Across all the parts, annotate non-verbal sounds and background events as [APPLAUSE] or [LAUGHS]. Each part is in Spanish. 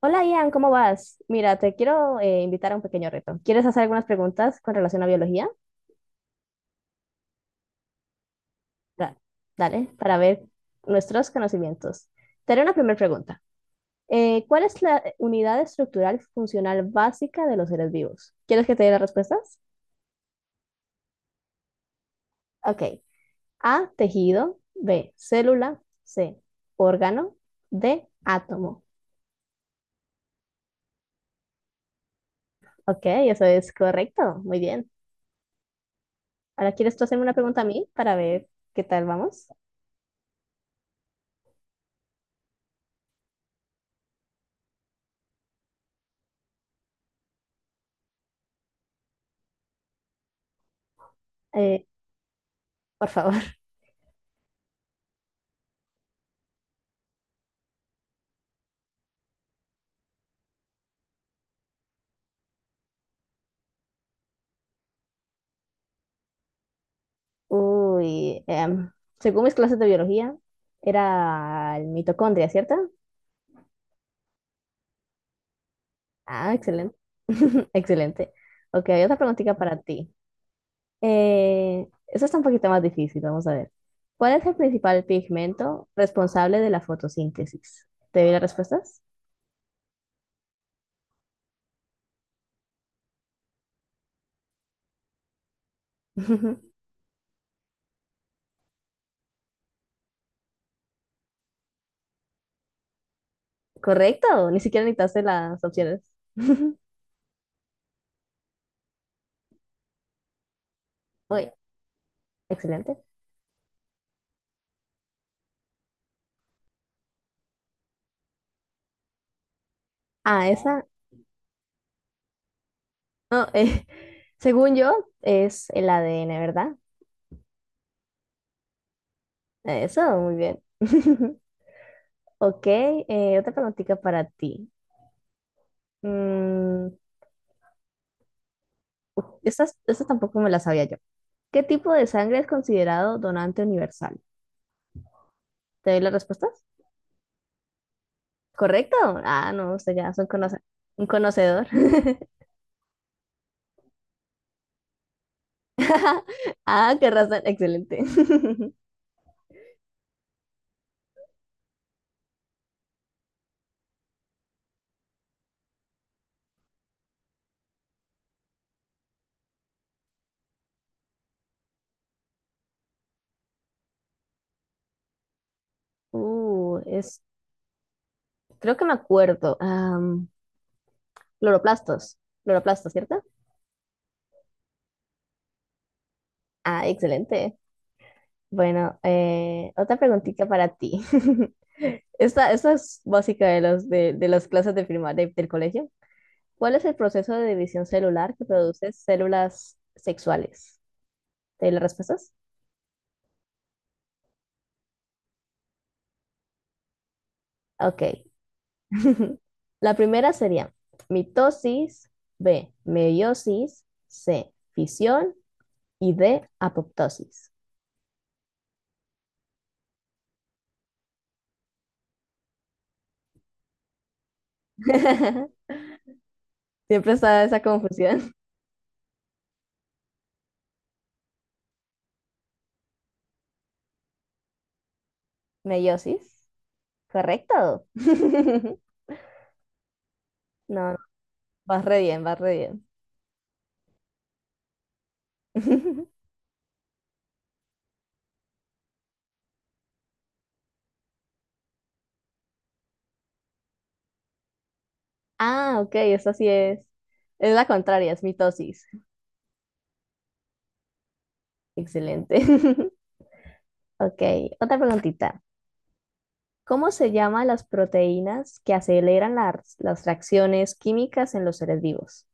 Hola Ian, ¿cómo vas? Mira, te quiero invitar a un pequeño reto. ¿Quieres hacer algunas preguntas con relación a biología? Da- Dale, para ver nuestros conocimientos. Te haré una primera pregunta. ¿Cuál es la unidad estructural funcional básica de los seres vivos? ¿Quieres que te dé las respuestas? Ok. A, tejido. B, célula. C, órgano. D, átomo. Ok, eso es correcto. Muy bien. Ahora, ¿quieres tú hacerme una pregunta a mí para ver qué tal vamos? Eh, por favor. Uy, según mis clases de biología, era el mitocondria, ¿cierto? Ah, excelente. [LAUGHS] Excelente. Ok, hay otra preguntita para ti. Eso está un poquito más difícil, vamos a ver. ¿Cuál es el principal pigmento responsable de la fotosíntesis? ¿Te doy las respuestas? [LAUGHS] Correcto, ni siquiera necesitaste las opciones. [LAUGHS] Uy, excelente. Ah, esa, no, según yo, es el ADN, ¿verdad? Eso, muy bien. [LAUGHS] Ok, otra preguntita para ti. Mm, estas tampoco me las sabía yo. ¿Qué tipo de sangre es considerado donante universal? ¿Te doy las respuestas? ¿Correcto? Ah, no, usted ya es un, un conocedor. [LAUGHS] Ah, qué razón, excelente. [LAUGHS] Es, creo que me acuerdo. Cloroplastos, cloroplastos, ¿cierto? Ah, excelente. Bueno, otra preguntita para ti. [LAUGHS] Esta es básica de, los, de las clases de del colegio. ¿Cuál es el proceso de división celular que produce células sexuales? ¿Te doy las respuestas? Ok. [LAUGHS] La primera sería mitosis, B, meiosis, C, fisión y D, apoptosis. [LAUGHS] Siempre está esa confusión. Meiosis, correcto. [LAUGHS] No, no, vas re bien, vas re bien. [LAUGHS] Ah, ok, eso sí es. Es la contraria, es mitosis. Excelente. [LAUGHS] Ok, otra preguntita. ¿Cómo se llaman las proteínas que aceleran las reacciones químicas en los seres vivos?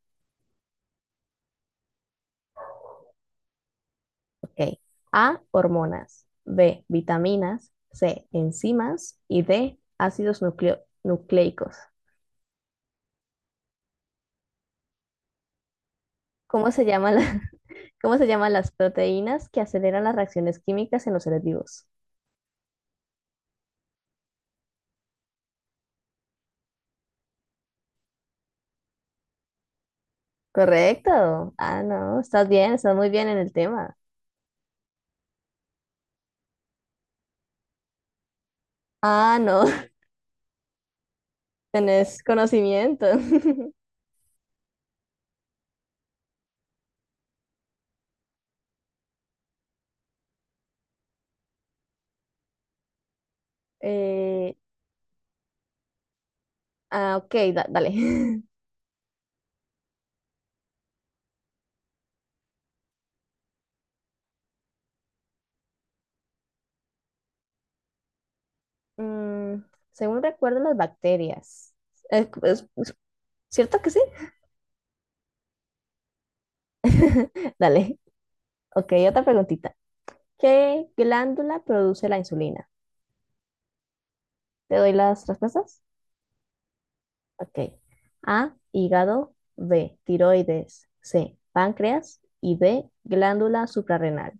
Ok. A, hormonas. B, vitaminas. C, enzimas. Y D, ácidos nucleicos. ¿Cómo se llaman la- [LAUGHS] ¿Cómo se llaman las proteínas que aceleran las reacciones químicas en los seres vivos? Correcto. Ah, no, estás bien, estás muy bien en el tema. Ah, no, [LAUGHS] tenés conocimiento. [LAUGHS] Eh, ah, ok, dale. [LAUGHS] Mm, según recuerdo, las bacterias. Eh, es- es- ¿Cierto que sí? [LAUGHS] Dale. Ok, otra preguntita. ¿Qué glándula produce la insulina? ¿Te doy las respuestas? Ok. A, hígado, B, tiroides, C, páncreas y D, glándula suprarrenal.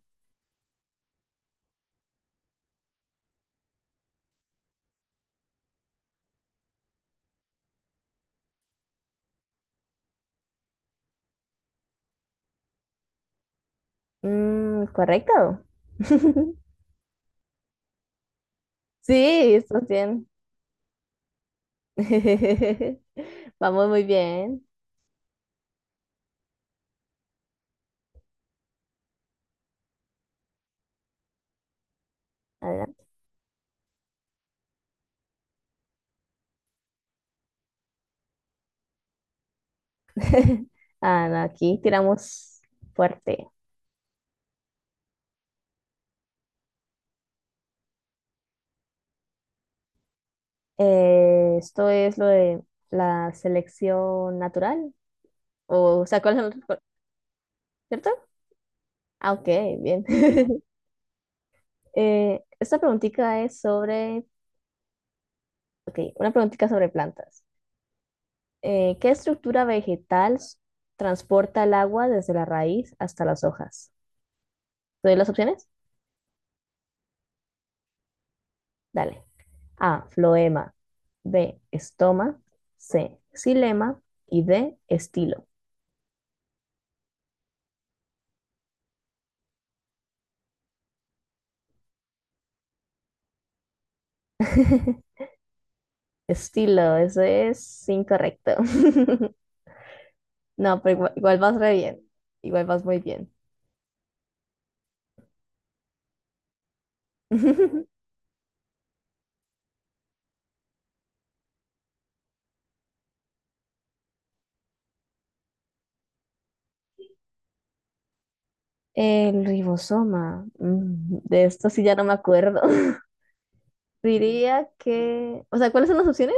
Mm, ¿correcto? [LAUGHS] Sí, estás bien. [LAUGHS] Vamos muy bien. Adelante. [LAUGHS] Ah, no, aquí tiramos fuerte. Esto es lo de la selección natural. O sea, ¿cuál es el- cuál- ¿cierto? Ah, ok, bien. [LAUGHS] Esta preguntita es sobre, ok, una preguntita sobre plantas. ¿Qué estructura vegetal s- ¿transporta el agua desde la raíz hasta las hojas? ¿Te doy las opciones? Dale. A. Floema. B. Estoma. C. Xilema. Y D. Estilo. [LAUGHS] Estilo, eso es incorrecto. [LAUGHS] No, pero igual, igual vas re bien. Igual vas muy bien. [LAUGHS] El ribosoma. Mm, de esto sí ya no me acuerdo. [LAUGHS] Diría que... O sea, ¿cuáles son las opciones?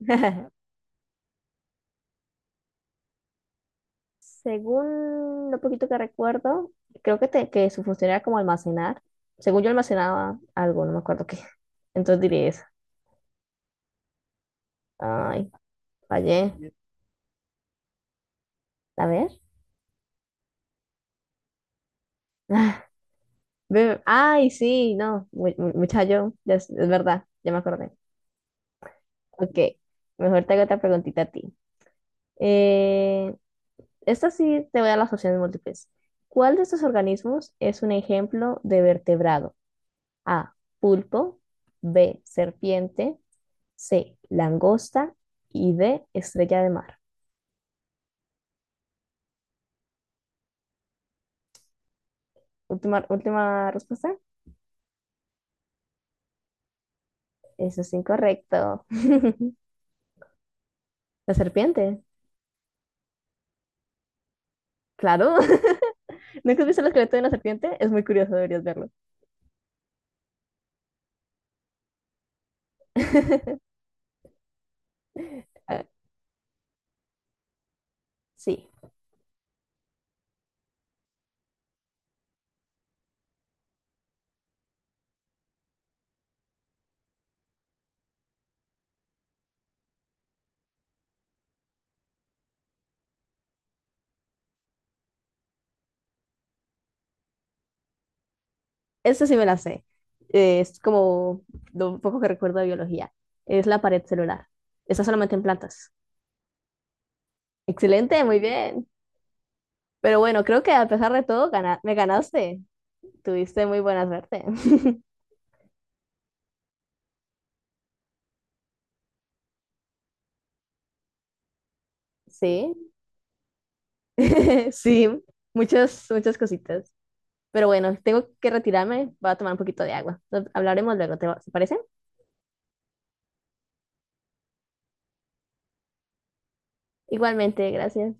[LAUGHS] Según lo poquito que recuerdo, creo que su función era como almacenar. Según yo almacenaba algo, no me acuerdo qué. [LAUGHS] Entonces diría eso. Ay, fallé. A ver. Ah, ay, sí, no, muchacho, es verdad, ya me acordé. Ok, mejor te hago otra preguntita a ti. Eh, esta sí te voy a dar las opciones múltiples. ¿Cuál de estos organismos es un ejemplo de vertebrado? A, pulpo, B, serpiente. C, langosta y D, estrella de mar. Última, última respuesta. Eso es incorrecto. La serpiente. Claro. [LAUGHS] ¿Nunca has visto el esqueleto de una serpiente? Es muy curioso, deberías verlo. [LAUGHS] Ah, sí, eso sí me la sé. Es como lo poco que recuerdo de biología. Es la pared celular. Está solamente en plantas. Excelente, muy bien. Pero bueno, creo que a pesar de todo, me ganaste. Tuviste muy buena suerte. [LAUGHS] Sí, [LAUGHS] sí, muchas, muchas cositas. Pero bueno, tengo que retirarme. Voy a tomar un poquito de agua. Hablaremos luego, ¿te parece? Igualmente, gracias.